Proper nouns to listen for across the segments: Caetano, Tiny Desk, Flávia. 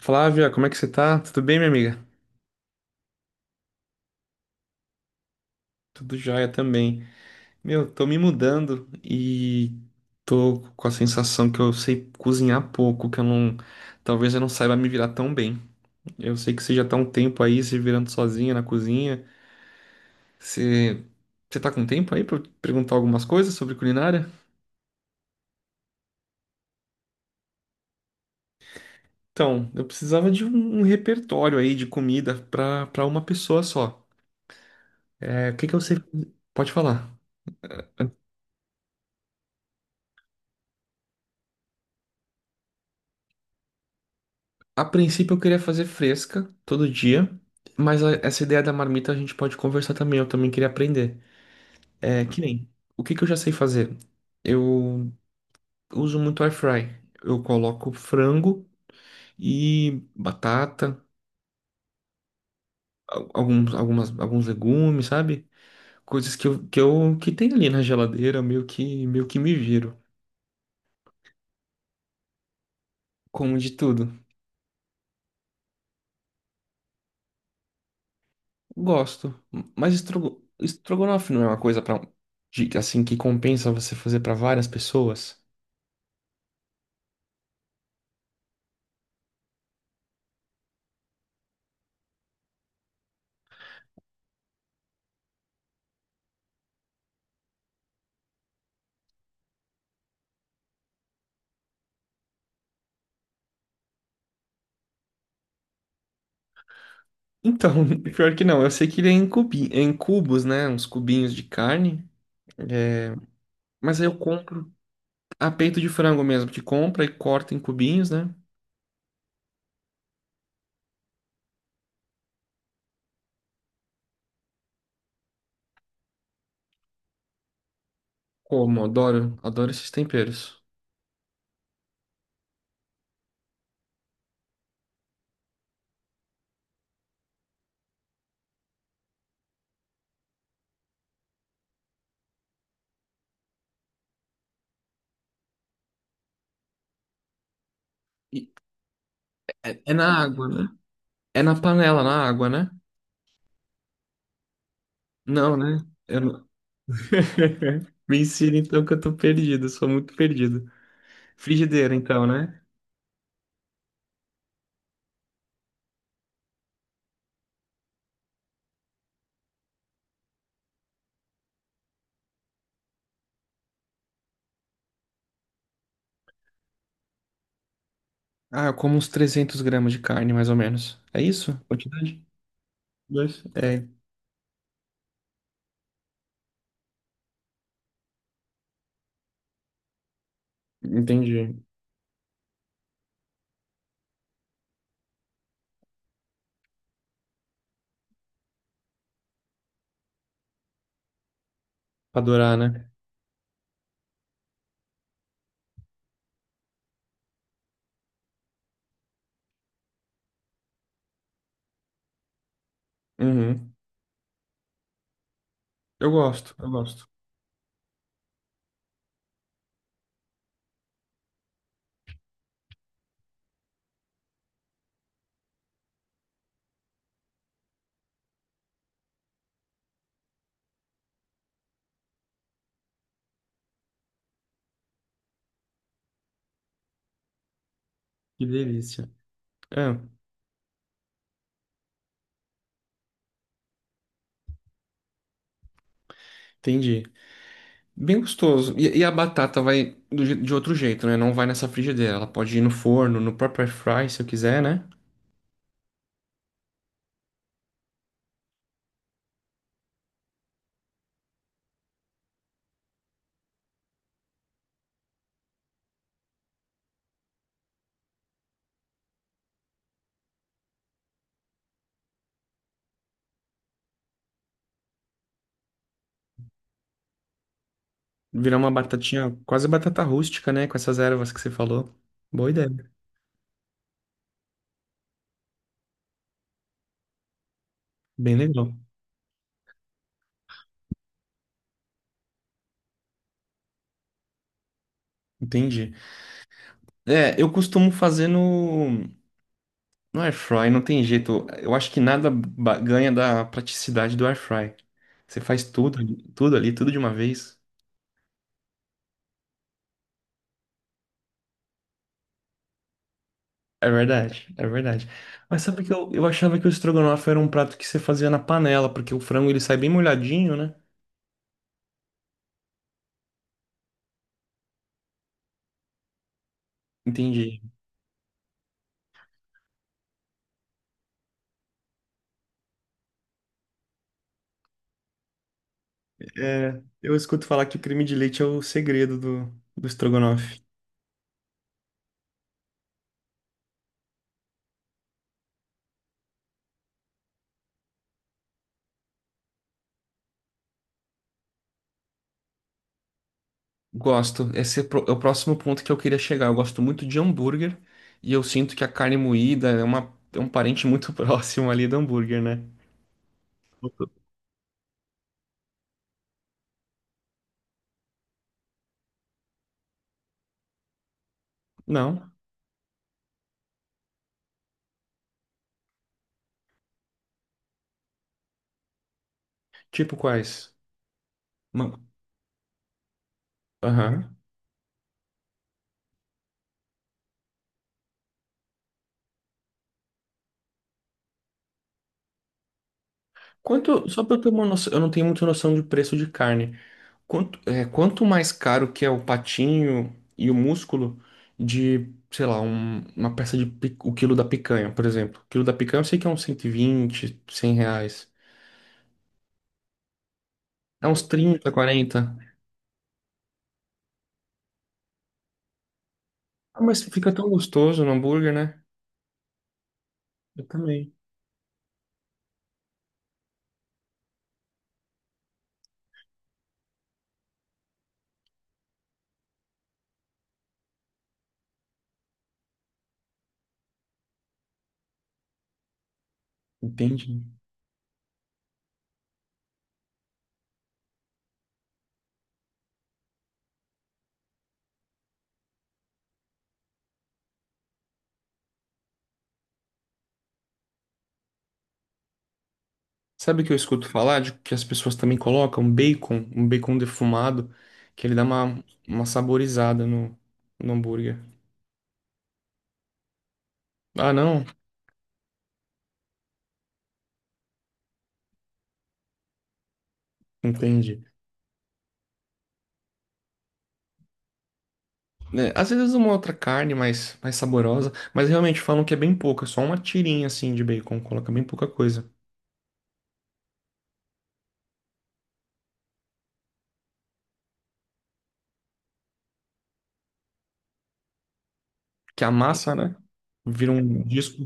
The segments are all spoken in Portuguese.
Flávia, como é que você tá? Tudo bem, minha amiga? Tudo jóia também. Meu, tô me mudando e tô com a sensação que eu sei cozinhar pouco, que eu não. Talvez eu não saiba me virar tão bem. Eu sei que você já tá um tempo aí se virando sozinha na cozinha. Você, você tá com tempo aí pra eu perguntar algumas coisas sobre culinária? Então, eu precisava de um repertório aí de comida pra uma pessoa só. É, o que que eu sei? Pode falar. A princípio eu queria fazer fresca todo dia, mas essa ideia da marmita a gente pode conversar também. Eu também queria aprender. É que nem, o que que eu já sei fazer? Eu uso muito air fry. Eu coloco frango e batata, alguns legumes, sabe? Coisas que eu que tem ali na geladeira, meio que me viro. Como de tudo. Gosto, mas estrogonofe não é uma coisa para assim que compensa você fazer para várias pessoas? Então, pior que não, eu sei que ele é em cubos, né? Uns cubinhos de carne. É, mas aí eu compro a peito de frango mesmo, que compra e corta em cubinhos, né? Como, adoro, adoro esses temperos. E é na água, né? É na panela, na água, né? Não, né? Eu não- Me ensina então que eu tô perdido, sou muito perdido. Frigideira, então, né? Ah, eu como uns 300 gramas de carne, mais ou menos. É isso? Quantidade? Dois. É, entendi. Pra adorar, né? Uhum. Eu gosto, eu gosto. Que delícia. É, entendi. Bem gostoso. E a batata vai de outro jeito, né? Não vai nessa frigideira. Ela pode ir no forno, no próprio air fry, se eu quiser, né? Virar uma batatinha, quase batata rústica, né? Com essas ervas que você falou. Boa ideia. Bem legal. Entendi. É, eu costumo fazer no air fry, não tem jeito. Eu acho que nada ganha da praticidade do air fry. Você faz tudo, tudo ali, tudo de uma vez. É verdade, é verdade. Mas sabe que eu achava que o estrogonofe era um prato que você fazia na panela, porque o frango ele sai bem molhadinho, né? Entendi. É, eu escuto falar que o creme de leite é o segredo do estrogonofe. Gosto. Esse é o próximo ponto que eu queria chegar. Eu gosto muito de hambúrguer e eu sinto que a carne moída é um parente muito próximo ali do hambúrguer, né? Não. Tipo quais? Ma- Aham. Quanto, só pra eu ter uma noção, eu não tenho muita noção de preço de carne. Quanto mais caro que é o patinho e o músculo de, sei lá, uma peça de o quilo da picanha, por exemplo. O quilo da picanha eu sei que é uns 120 100 reais. É uns 30 40. Ah, mas fica tão gostoso no hambúrguer, né? Eu também. Entendi. Sabe o que eu escuto falar de que as pessoas também colocam bacon, um bacon defumado, que ele dá uma saborizada no hambúrguer. Ah, não? Entendi. Né, às vezes uma outra carne mais saborosa, mas realmente falam que é bem pouca, só uma tirinha assim de bacon, coloca bem pouca coisa. Que a massa, né? Vira um disco,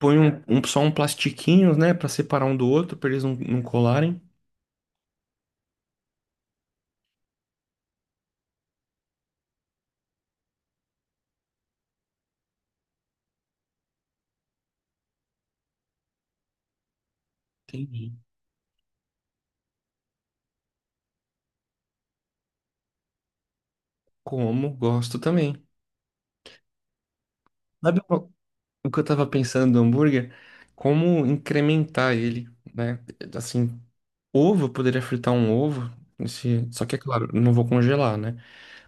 põe só um plastiquinho, né, pra separar um do outro, pra eles não, não colarem. Entendi. Como, gosto também. Sabe uma- o que eu tava pensando do hambúrguer? Como incrementar ele, né? Assim, ovo, eu poderia fritar um ovo, só que é claro, eu não vou congelar, né?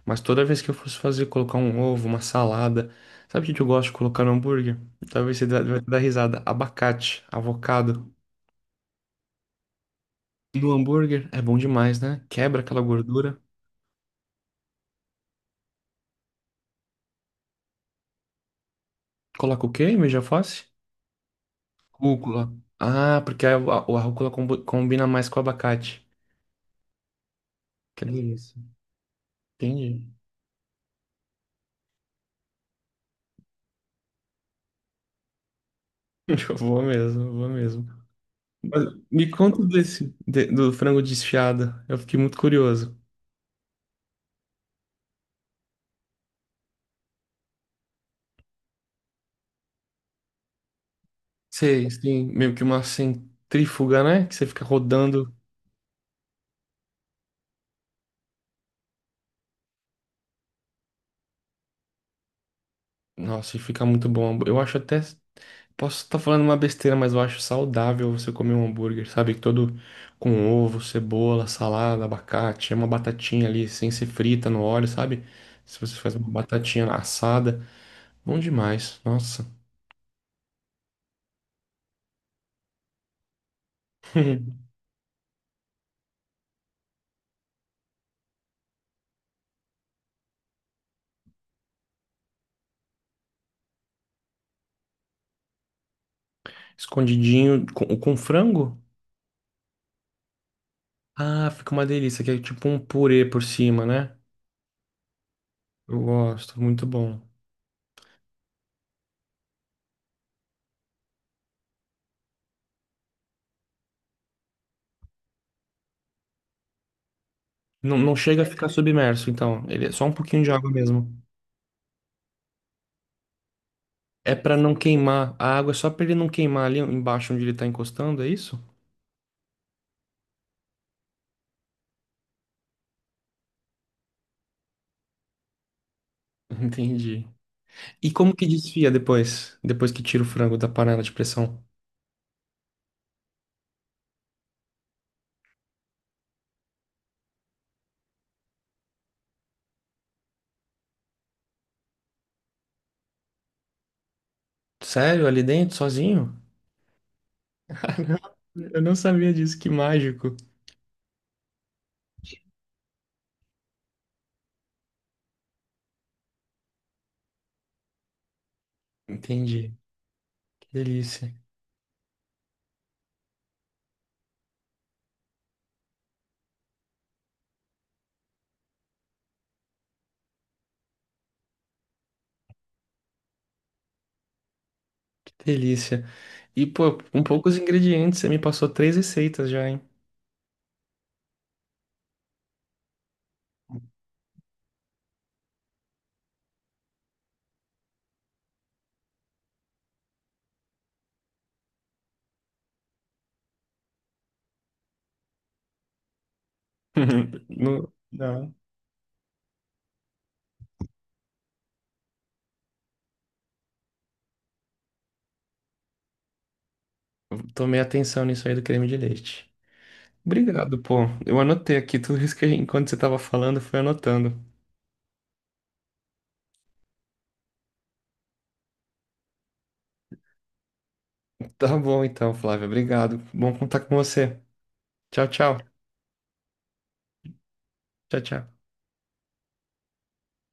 Mas toda vez que eu fosse fazer, colocar um ovo, uma salada. Sabe o que que eu gosto de colocar no hambúrguer? Talvez você vai dar risada. Abacate, avocado. No hambúrguer é bom demais, né? Quebra aquela gordura. Coloca o quê em vez de alface? Rúcula. Ah, porque a rúcula combina mais com o abacate. Que delícia. Entendi. Eu vou mesmo, eu vou mesmo. Mas me conta do frango desfiado. Eu fiquei muito curioso. Sei, sim, meio que uma centrífuga, né? Que você fica rodando. Nossa, e fica muito bom. Eu acho até. Posso estar falando uma besteira, mas eu acho saudável você comer um hambúrguer, sabe? Todo com ovo, cebola, salada, abacate, é uma batatinha ali, sem ser frita no óleo, sabe? Se você faz uma batatinha assada, bom demais, nossa. Escondidinho com frango? Ah, fica uma delícia, que é tipo um purê por cima, né? Eu gosto, muito bom. Não, não chega a ficar submerso, então. Ele é só um pouquinho de água mesmo. É pra não queimar. A água é só pra ele não queimar ali embaixo onde ele tá encostando, é isso? Entendi. E como que desfia depois? Depois que tira o frango da panela de pressão? Sério? Ali dentro, sozinho? Caramba, eu não sabia disso, que mágico. Entendi. Que delícia, que delícia. E, pô, com poucos ingredientes, você me passou três receitas já, hein? Não. Tomei atenção nisso aí do creme de leite. Obrigado, pô. Eu anotei aqui tudo isso que a gente, enquanto você tava falando, eu fui anotando. Tá bom então, Flávia. Obrigado. Bom contar com você. Tchau, tchau. Tchau, tchau.